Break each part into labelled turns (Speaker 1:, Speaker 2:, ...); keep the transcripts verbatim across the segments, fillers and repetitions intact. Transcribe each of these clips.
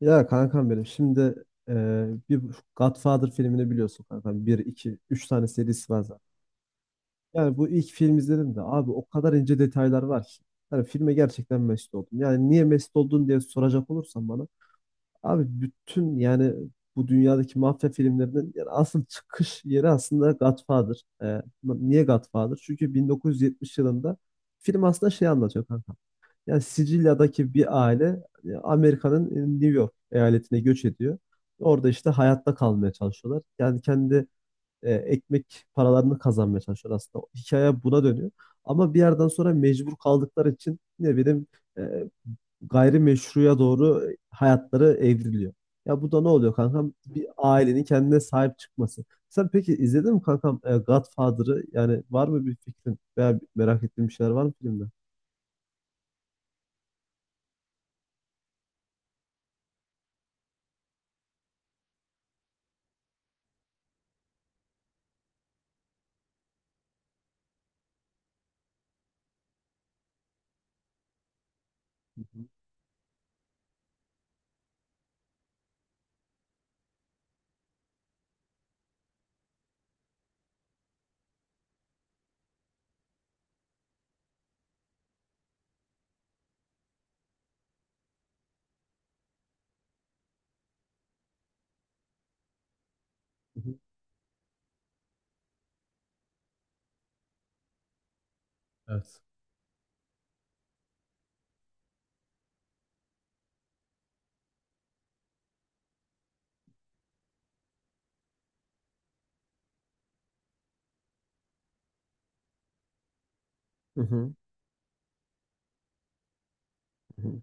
Speaker 1: Ya kankam benim şimdi e, bir Godfather filmini biliyorsun kankam. Bir, iki, üç tane serisi var zaten. Yani bu ilk film izledim de abi o kadar ince detaylar var ki. Yani filme gerçekten mest oldum. Yani niye mest oldun diye soracak olursan bana. Abi bütün yani bu dünyadaki mafya filmlerinin yani asıl çıkış yeri aslında Godfather. E, niye Godfather? Çünkü bin dokuz yüz yetmiş yılında film aslında şey anlatıyor kanka. Yani Sicilya'daki bir aile e, Amerika'nın e, New York eyaletine göç ediyor. Orada işte hayatta kalmaya çalışıyorlar. Yani kendi e, ekmek paralarını kazanmaya çalışıyorlar aslında. Hikaye buna dönüyor. Ama bir yerden sonra mecbur kaldıkları için ne bileyim e, gayrimeşruya doğru hayatları evriliyor. Ya bu da ne oluyor kankam? Bir ailenin kendine sahip çıkması. Sen peki izledin mi kankam e, Godfather'ı? Yani var mı bir fikrin veya merak ettiğin bir şeyler var mı filmde? Hı hı, hı hı. Evet. Hı hı. Hı.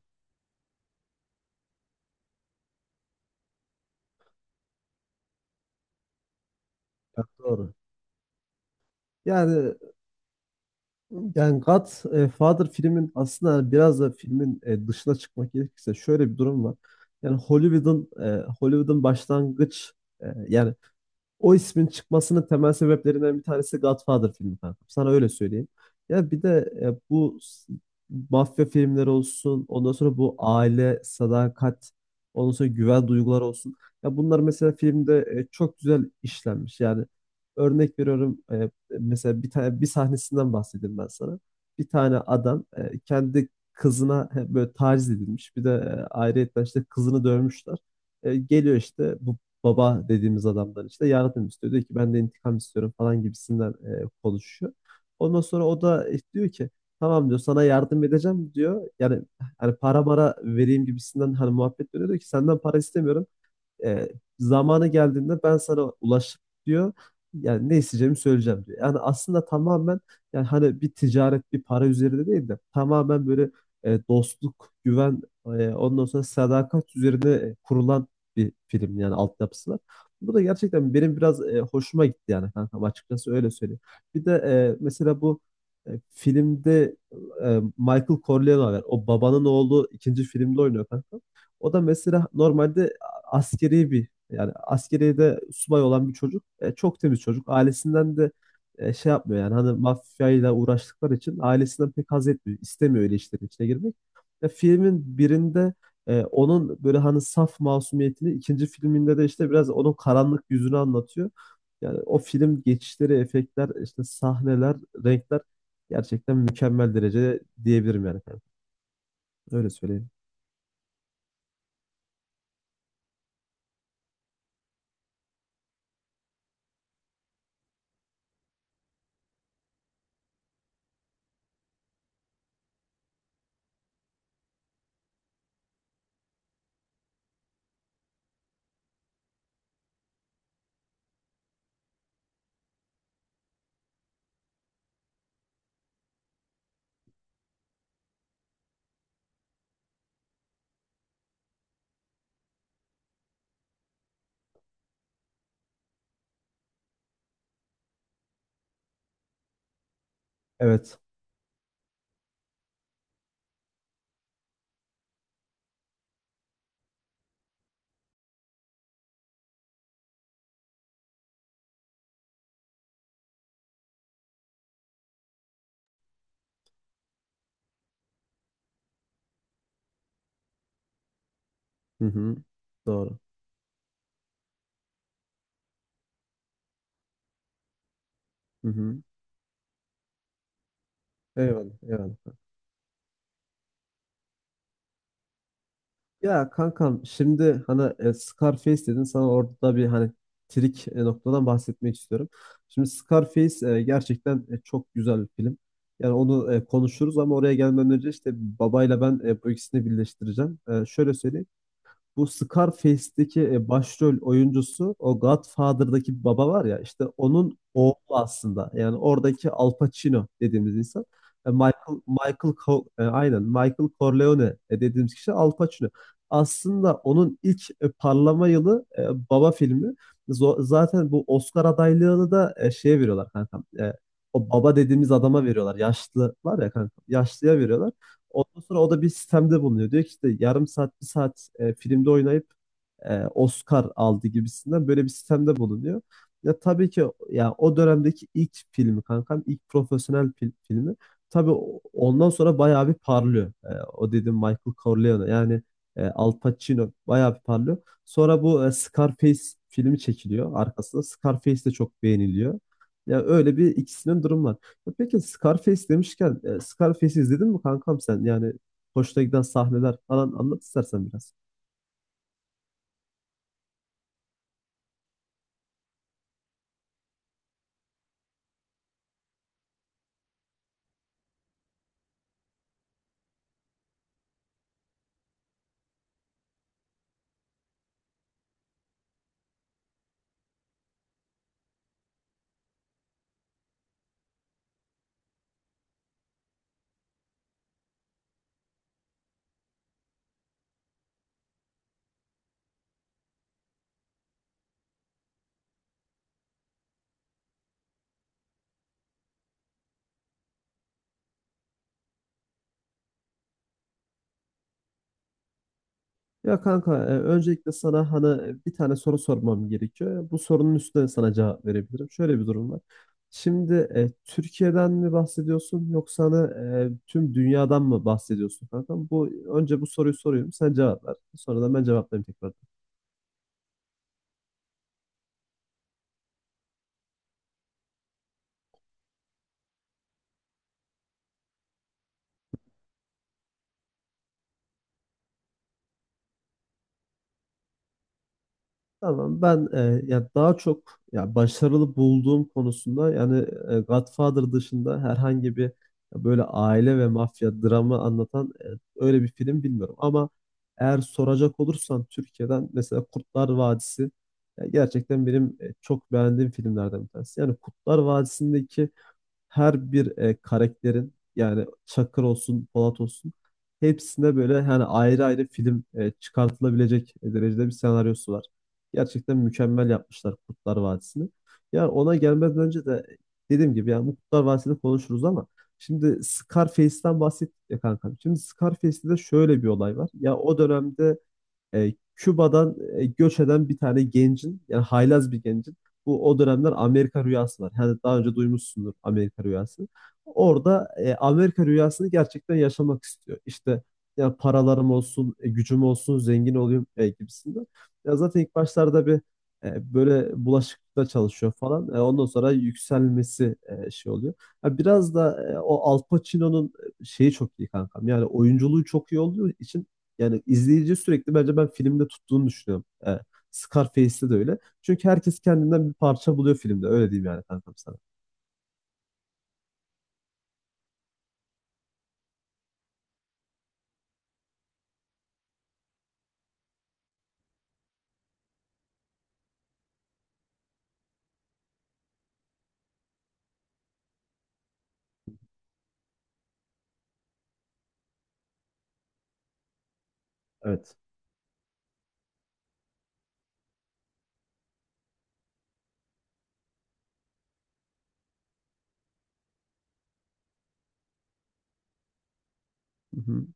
Speaker 1: Ya doğru. Yani yani God e, Father filmin aslında hani biraz da filmin e, dışına çıkmak gerekirse şöyle bir durum var. Yani Hollywood'un e, Hollywood'un başlangıç e, yani o ismin çıkmasının temel sebeplerinden bir tanesi Godfather filmi kankam. Sana öyle söyleyeyim. Ya bir de e, bu s- mafya filmleri olsun, ondan sonra bu aile, sadakat, ondan sonra güven duyguları olsun. Ya bunlar mesela filmde e, çok güzel işlenmiş. Yani örnek veriyorum, e, mesela bir tane bir sahnesinden bahsedeyim ben sana. Bir tane adam e, kendi kızına e, böyle taciz edilmiş. Bir de e, ayrıyetten işte kızını dövmüşler. E, geliyor işte bu baba dediğimiz adamdan işte yardım istiyor. Diyor ki ben de intikam istiyorum falan gibisinden e, konuşuyor. Ondan sonra o da e, diyor ki tamam diyor, sana yardım edeceğim diyor. Yani hani para mara vereyim gibisinden hani muhabbet dönüyor, diyor ki senden para istemiyorum, e, zamanı geldiğinde ben sana ulaşıp diyor. Yani ne isteyeceğimi söyleyeceğim diyor. Yani aslında tamamen yani hani bir ticaret bir para üzerinde değil de tamamen böyle e, dostluk, güven, e, ondan sonra sadakat üzerine e, kurulan bir film yani altyapısı var. Bu da gerçekten benim biraz e, hoşuma gitti yani kankam, açıkçası öyle söyleyeyim. Bir de e, mesela bu e, filmde e, Michael Corleone var. O babanın oğlu ikinci filmde oynuyor kanka. O da mesela normalde askeri bir yani askeriyede subay olan bir çocuk. E, çok temiz çocuk. Ailesinden de e, şey yapmıyor yani hani mafyayla uğraştıkları için ailesinden pek haz etmiyor. İstemiyor öyle işlerin içine girmek. E, filmin birinde e, onun böyle hani saf masumiyetini, ikinci filminde de işte biraz onun karanlık yüzünü anlatıyor. Yani o film geçişleri, efektler, işte sahneler, renkler gerçekten mükemmel derecede diyebilirim yani. Öyle söyleyeyim. Evet. Hı hı. Doğru. Hı hı. Eyvallah, eyvallah. Ya kankam şimdi hani e, Scarface dedin, sana orada da bir hani trik e, noktadan bahsetmek istiyorum. Şimdi Scarface e, gerçekten e, çok güzel bir film. Yani onu e, konuşuruz ama oraya gelmeden önce işte babayla ben e, bu ikisini birleştireceğim. E, şöyle söyleyeyim. Bu Scarface'deki e, başrol oyuncusu, o Godfather'daki bir baba var ya işte onun oğlu aslında. Yani oradaki Al Pacino dediğimiz insan. E, Michael Michael Co- e, aynen Michael Corleone e, dediğimiz kişi Al Pacino. Aslında onun ilk e, parlama yılı e, Baba filmi. Zo- zaten bu Oscar adaylığını da e, şeye veriyorlar kankam. E, o baba dediğimiz adama veriyorlar. Yaşlı var ya kanka. Yaşlıya veriyorlar. Ondan sonra o da bir sistemde bulunuyor. Diyor ki işte yarım saat, bir saat e, filmde oynayıp e, Oscar aldı gibisinden böyle bir sistemde bulunuyor. Ya tabii ki ya o dönemdeki ilk filmi kankam, ilk profesyonel fil- filmi. Tabii o- ondan sonra bayağı bir parlıyor. E, o dediğim Michael Corleone yani e, Al Pacino bayağı bir parlıyor. Sonra bu e, Scarface filmi çekiliyor arkasında. Scarface de çok beğeniliyor. Ya öyle bir ikisinin durum var. Ya peki Scarface demişken e, Scarface'i izledin mi kankam sen? Yani hoşuna giden sahneler falan anlat istersen biraz. Ya kanka, e, öncelikle sana hani bir tane soru sormam gerekiyor. Bu sorunun üstüne sana cevap verebilirim. Şöyle bir durum var. Şimdi e, Türkiye'den mi bahsediyorsun, yoksa hani e, tüm dünyadan mı bahsediyorsun kanka? Bu önce bu soruyu sorayım. Sen cevap ver. Sonra da ben cevaplayayım tekrar. Tamam, ben e, ya daha çok ya başarılı bulduğum konusunda yani e, Godfather dışında herhangi bir, ya böyle aile ve mafya dramı anlatan, e, öyle bir film bilmiyorum ama eğer soracak olursan Türkiye'den mesela Kurtlar Vadisi, ya gerçekten benim e, çok beğendiğim filmlerden bir tanesi. Yani Kurtlar Vadisi'ndeki her bir e, karakterin, yani Çakır olsun, Polat olsun, hepsinde böyle yani ayrı ayrı film e, çıkartılabilecek derecede bir senaryosu var. Gerçekten mükemmel yapmışlar Kurtlar Vadisi'ni. Yani ona gelmeden önce de dediğim gibi yani bu Kurtlar Vadisi'ni konuşuruz ama şimdi Scarface'den bahsettik ya kankam. Şimdi Scarface'de de şöyle bir olay var. Ya o dönemde e, Küba'dan e, göç eden bir tane gencin, yani haylaz bir gencin, bu o dönemler Amerika rüyası var. Yani daha önce duymuşsundur Amerika rüyası. Orada e, Amerika rüyasını gerçekten yaşamak istiyor. İşte ya paralarım olsun, e, gücüm olsun, zengin olayım e, gibisinden. Ya zaten ilk başlarda bir e, böyle bulaşıkta çalışıyor falan. E, ondan sonra yükselmesi e, şey oluyor. Ya biraz da e, o Al Pacino'nun e, şeyi çok iyi kankam. Yani oyunculuğu çok iyi olduğu için yani izleyici sürekli, bence ben filmde tuttuğunu düşünüyorum. E, Scarface'te de öyle. Çünkü herkes kendinden bir parça buluyor filmde. Öyle diyeyim yani kankam sana. Evet. Hı hı.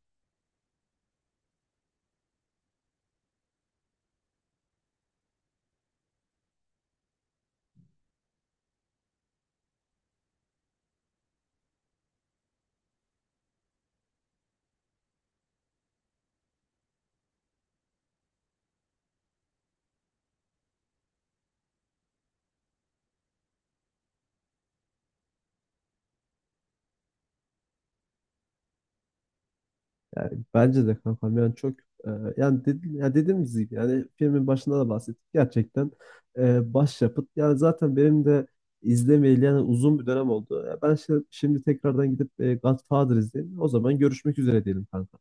Speaker 1: Yani bence de kankam yani çok e, yani, dedi, ya dediğimiz gibi yani filmin başında da bahsettik, gerçekten e, başyapıt yani. Zaten benim de izlemeyeli yani uzun bir dönem oldu. Ya ben şi- şimdi, tekrardan gidip e, Godfather izleyeyim. O zaman görüşmek üzere diyelim kankam.